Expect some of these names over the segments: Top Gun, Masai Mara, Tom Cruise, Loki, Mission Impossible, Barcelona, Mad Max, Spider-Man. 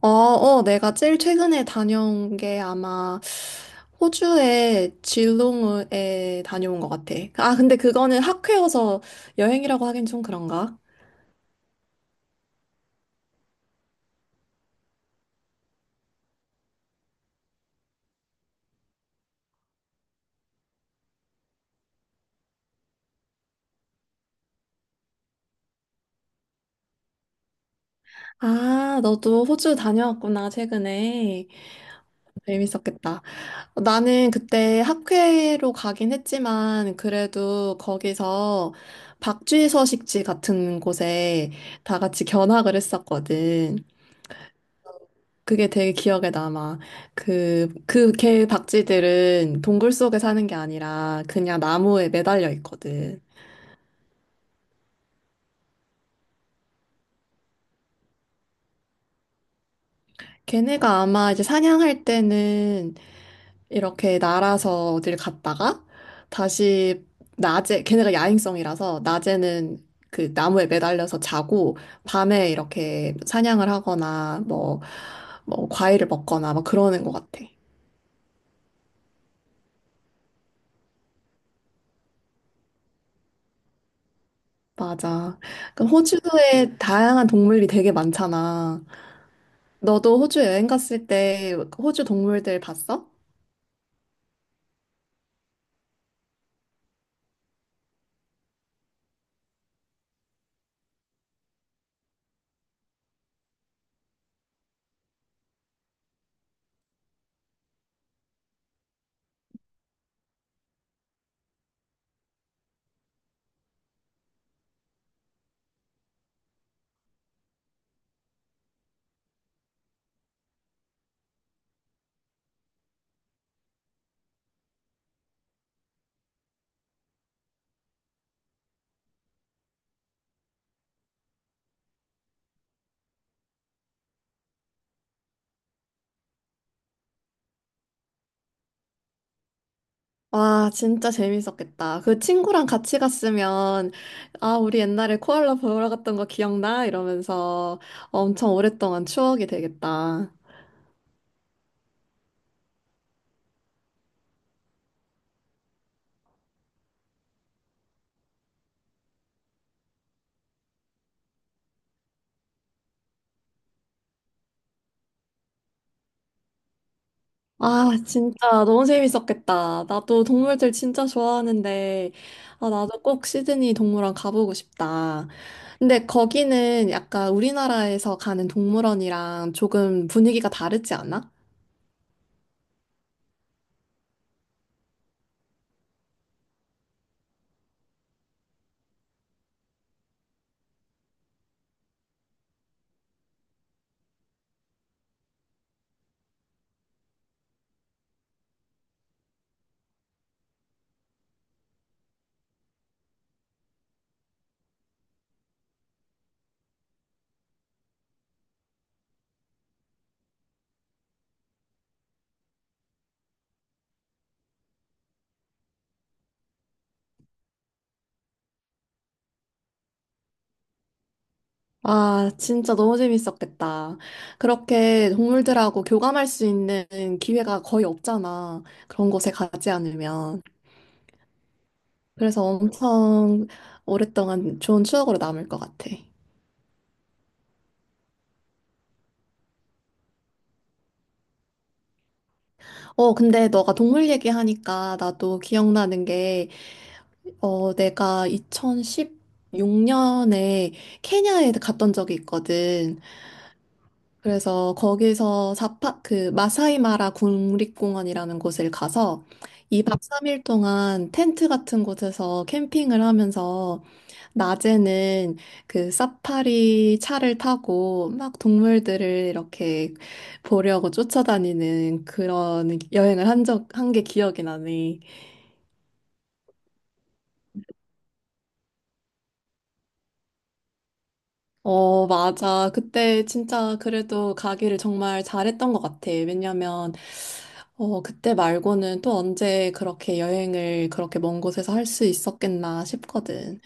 내가 제일 최근에 다녀온 게 아마 호주의 질롱에 다녀온 것 같아. 아, 근데 그거는 학회여서 여행이라고 하긴 좀 그런가? 아, 너도 호주 다녀왔구나, 최근에. 재밌었겠다. 나는 그때 학회로 가긴 했지만, 그래도 거기서 박쥐 서식지 같은 곳에 다 같이 견학을 했었거든. 그게 되게 기억에 남아. 그 개 박쥐들은 동굴 속에 사는 게 아니라 그냥 나무에 매달려 있거든. 걔네가 아마 이제 사냥할 때는 이렇게 날아서 어딜 갔다가 다시 낮에, 걔네가 야행성이라서 낮에는 그 나무에 매달려서 자고 밤에 이렇게 사냥을 하거나 뭐 과일을 먹거나 막 그러는 것 같아. 맞아. 그럼 호주에 다양한 동물이 되게 많잖아. 너도 호주 여행 갔을 때 호주 동물들 봤어? 와, 진짜 재밌었겠다. 그 친구랑 같이 갔으면, 아, 우리 옛날에 코알라 보러 갔던 거 기억나? 이러면서 엄청 오랫동안 추억이 되겠다. 아, 진짜 너무 재밌었겠다. 나도 동물들 진짜 좋아하는데, 아, 나도 꼭 시드니 동물원 가보고 싶다. 근데 거기는 약간 우리나라에서 가는 동물원이랑 조금 분위기가 다르지 않아? 아, 진짜 너무 재밌었겠다. 그렇게 동물들하고 교감할 수 있는 기회가 거의 없잖아. 그런 곳에 가지 않으면. 그래서 엄청 오랫동안 좋은 추억으로 남을 것 같아. 근데 너가 동물 얘기하니까 나도 기억나는 게, 내가 2016년에 케냐에 갔던 적이 있거든. 그래서 거기서 그 마사이마라 국립공원이라는 곳을 가서 이박 3일 동안 텐트 같은 곳에서 캠핑을 하면서 낮에는 그 사파리 차를 타고 막 동물들을 이렇게 보려고 쫓아다니는 그런 여행을 한 게 기억이 나네. 어, 맞아. 그때 진짜 그래도 가기를 정말 잘했던 것 같아. 왜냐면, 그때 말고는 또 언제 그렇게 여행을 그렇게 먼 곳에서 할 수 있었겠나 싶거든.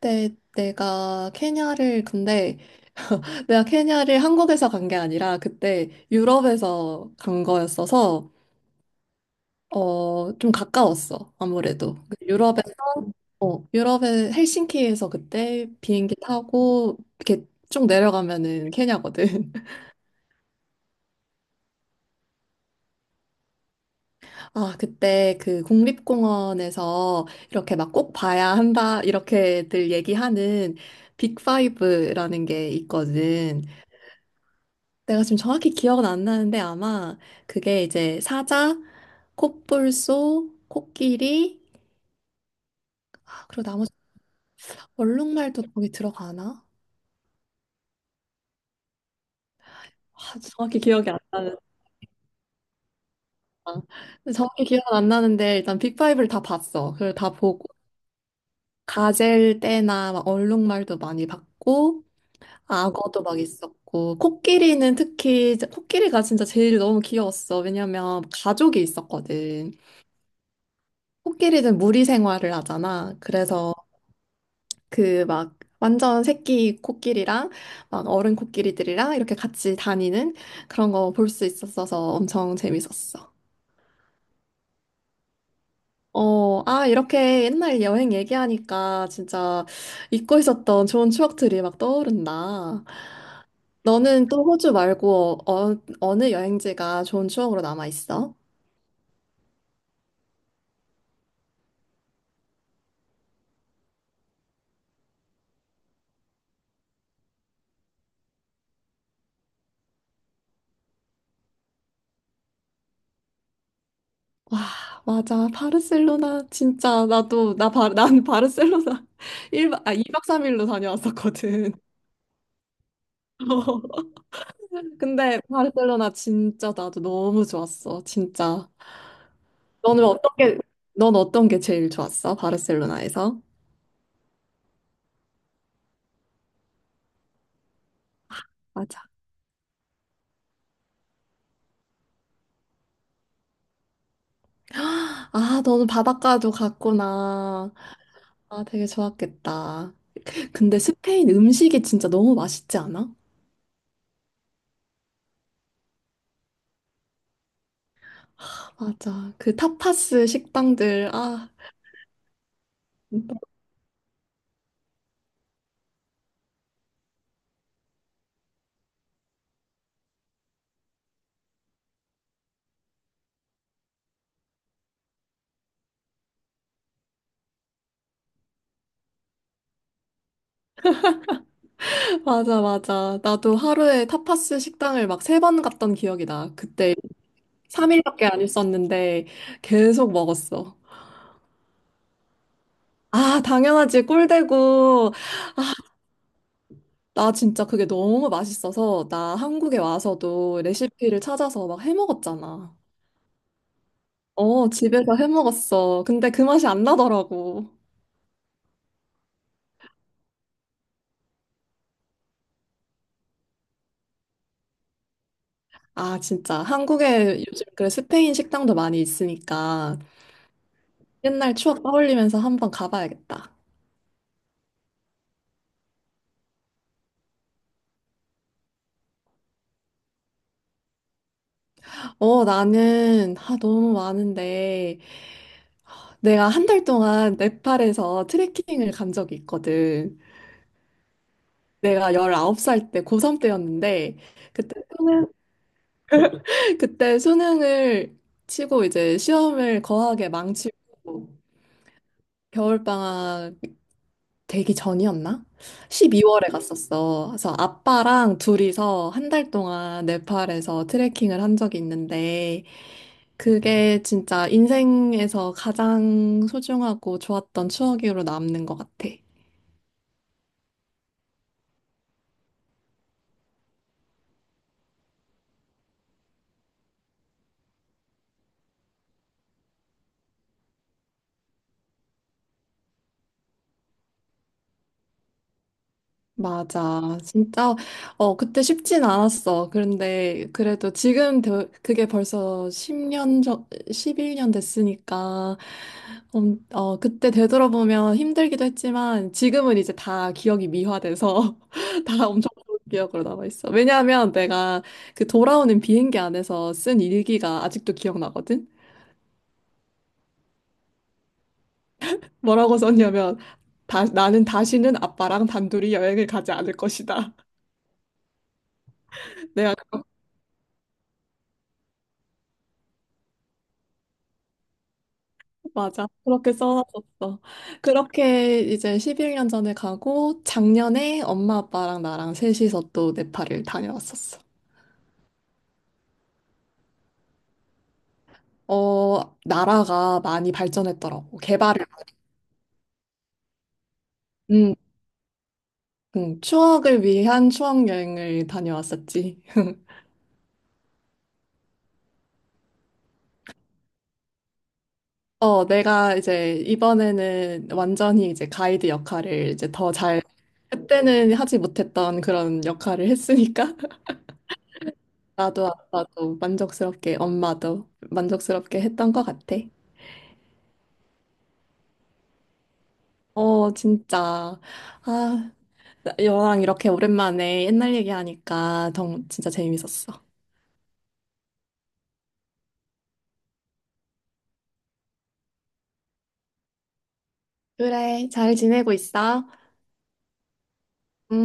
근데 내가 케냐를 한국에서 간 게 아니라 그때 유럽에서 간 거였어서 좀 가까웠어, 아무래도. 어, 유럽의 헬싱키에서 그때 비행기 타고 이렇게 쭉 내려가면은 케냐거든. 아, 그때 그 국립공원에서 이렇게 막 꼭 봐야 한다, 이렇게들 얘기하는 빅파이브라는 게 있거든. 내가 지금 정확히 기억은 안 나는데 아마 그게 이제 사자, 콧불소, 코끼리, 아, 그리고 나머지 얼룩말도 거기 들어가나? 아, 정확히 기억이 안 나는데. 정확히 기억은 안 나는데, 일단 빅파이브를 다 봤어. 그걸 다 보고, 가젤 때나 막 얼룩말도 많이 봤고, 악어도 막 있었고, 코끼리는 특히, 코끼리가 진짜 제일 너무 귀여웠어. 왜냐면 가족이 있었거든. 코끼리는 무리 생활을 하잖아. 그래서 그 막, 완전 새끼 코끼리랑 막 어른 코끼리들이랑 이렇게 같이 다니는 그런 거 볼 수 있었어서 엄청 재밌었어. 이렇게 옛날 여행 얘기하니까 진짜 잊고 있었던 좋은 추억들이 막 떠오른다. 너는 또 호주 말고 어느 여행지가 좋은 추억으로 남아 있어? 와, 맞아. 바르셀로나 진짜 난 바르셀로나 일 박아 2박 3일로 다녀왔었거든. 근데 바르셀로나 진짜 나도 너무 좋았어. 진짜. 너는 어떤 게, 넌 어떤 게 제일 좋았어? 바르셀로나에서? 아, 너는 바닷가도 갔구나. 아, 되게 좋았겠다. 근데 스페인 음식이 진짜 너무 맛있지 않아? 맞아. 그 타파스 식당들. 아, 맞아, 맞아. 나도 하루에 타파스 식당을 막 세 번 갔던 기억이 나. 그때 3일밖에 안 있었는데 계속 먹었어. 아, 당연하지. 꿀대고. 나 진짜 그게 너무 맛있어서 나 한국에 와서도 레시피를 찾아서 막 해먹었잖아. 어, 집에서 해 먹었어. 근데 그 맛이 안 나더라고. 아, 진짜. 한국에 요즘 그래 스페인 식당도 많이 있으니까 옛날 추억 떠올리면서 한번 가봐야겠다. 어, 나는 아, 너무 많은데 내가 한 달 동안 네팔에서 트레킹을 간 적이 있거든. 내가 19살 때 고3 때였는데 그때 수능, 그때 수능을 치고 이제 시험을 거하게 망치고 겨울방학 되기 전이었나? 12월에 갔었어. 그래서 아빠랑 둘이서 한 달 동안 네팔에서 트레킹을 한 적이 있는데, 그게 진짜 인생에서 가장 소중하고 좋았던 추억으로 남는 것 같아. 맞아. 진짜, 어, 그때 쉽진 않았어. 그런데 그래도 그게 벌써 10년 전, 11년 됐으니까, 그때 되돌아보면 힘들기도 했지만, 지금은 이제 다 기억이 미화돼서 다 엄청 좋은 기억으로 남아있어. 왜냐하면 내가 그 돌아오는 비행기 안에서 쓴 일기가 아직도 기억나거든? 뭐라고 썼냐면, 다, 나는 다시는 아빠랑 단둘이 여행을 가지 않을 것이다. 내가 맞아. 그렇게 써놨었어. 그렇게 이제 11년 전에 가고 작년에 엄마 아빠랑 나랑 셋이서 또 네팔을 다녀왔었어. 어, 나라가 많이 발전했더라고. 개발을. 음, 추억을 위한 추억 여행을 다녀왔었지. 어, 내가 이제 이번에는 완전히 이제 가이드 역할을 그때는 하지 못했던 그런 역할을 했으니까 나도 아빠도 만족스럽게 엄마도 만족스럽게 했던 것 같아. 어, 진짜. 아, 너랑 이렇게 오랜만에 옛날 얘기하니까 진짜 재밌었어. 그래, 잘 지내고 있어? 응?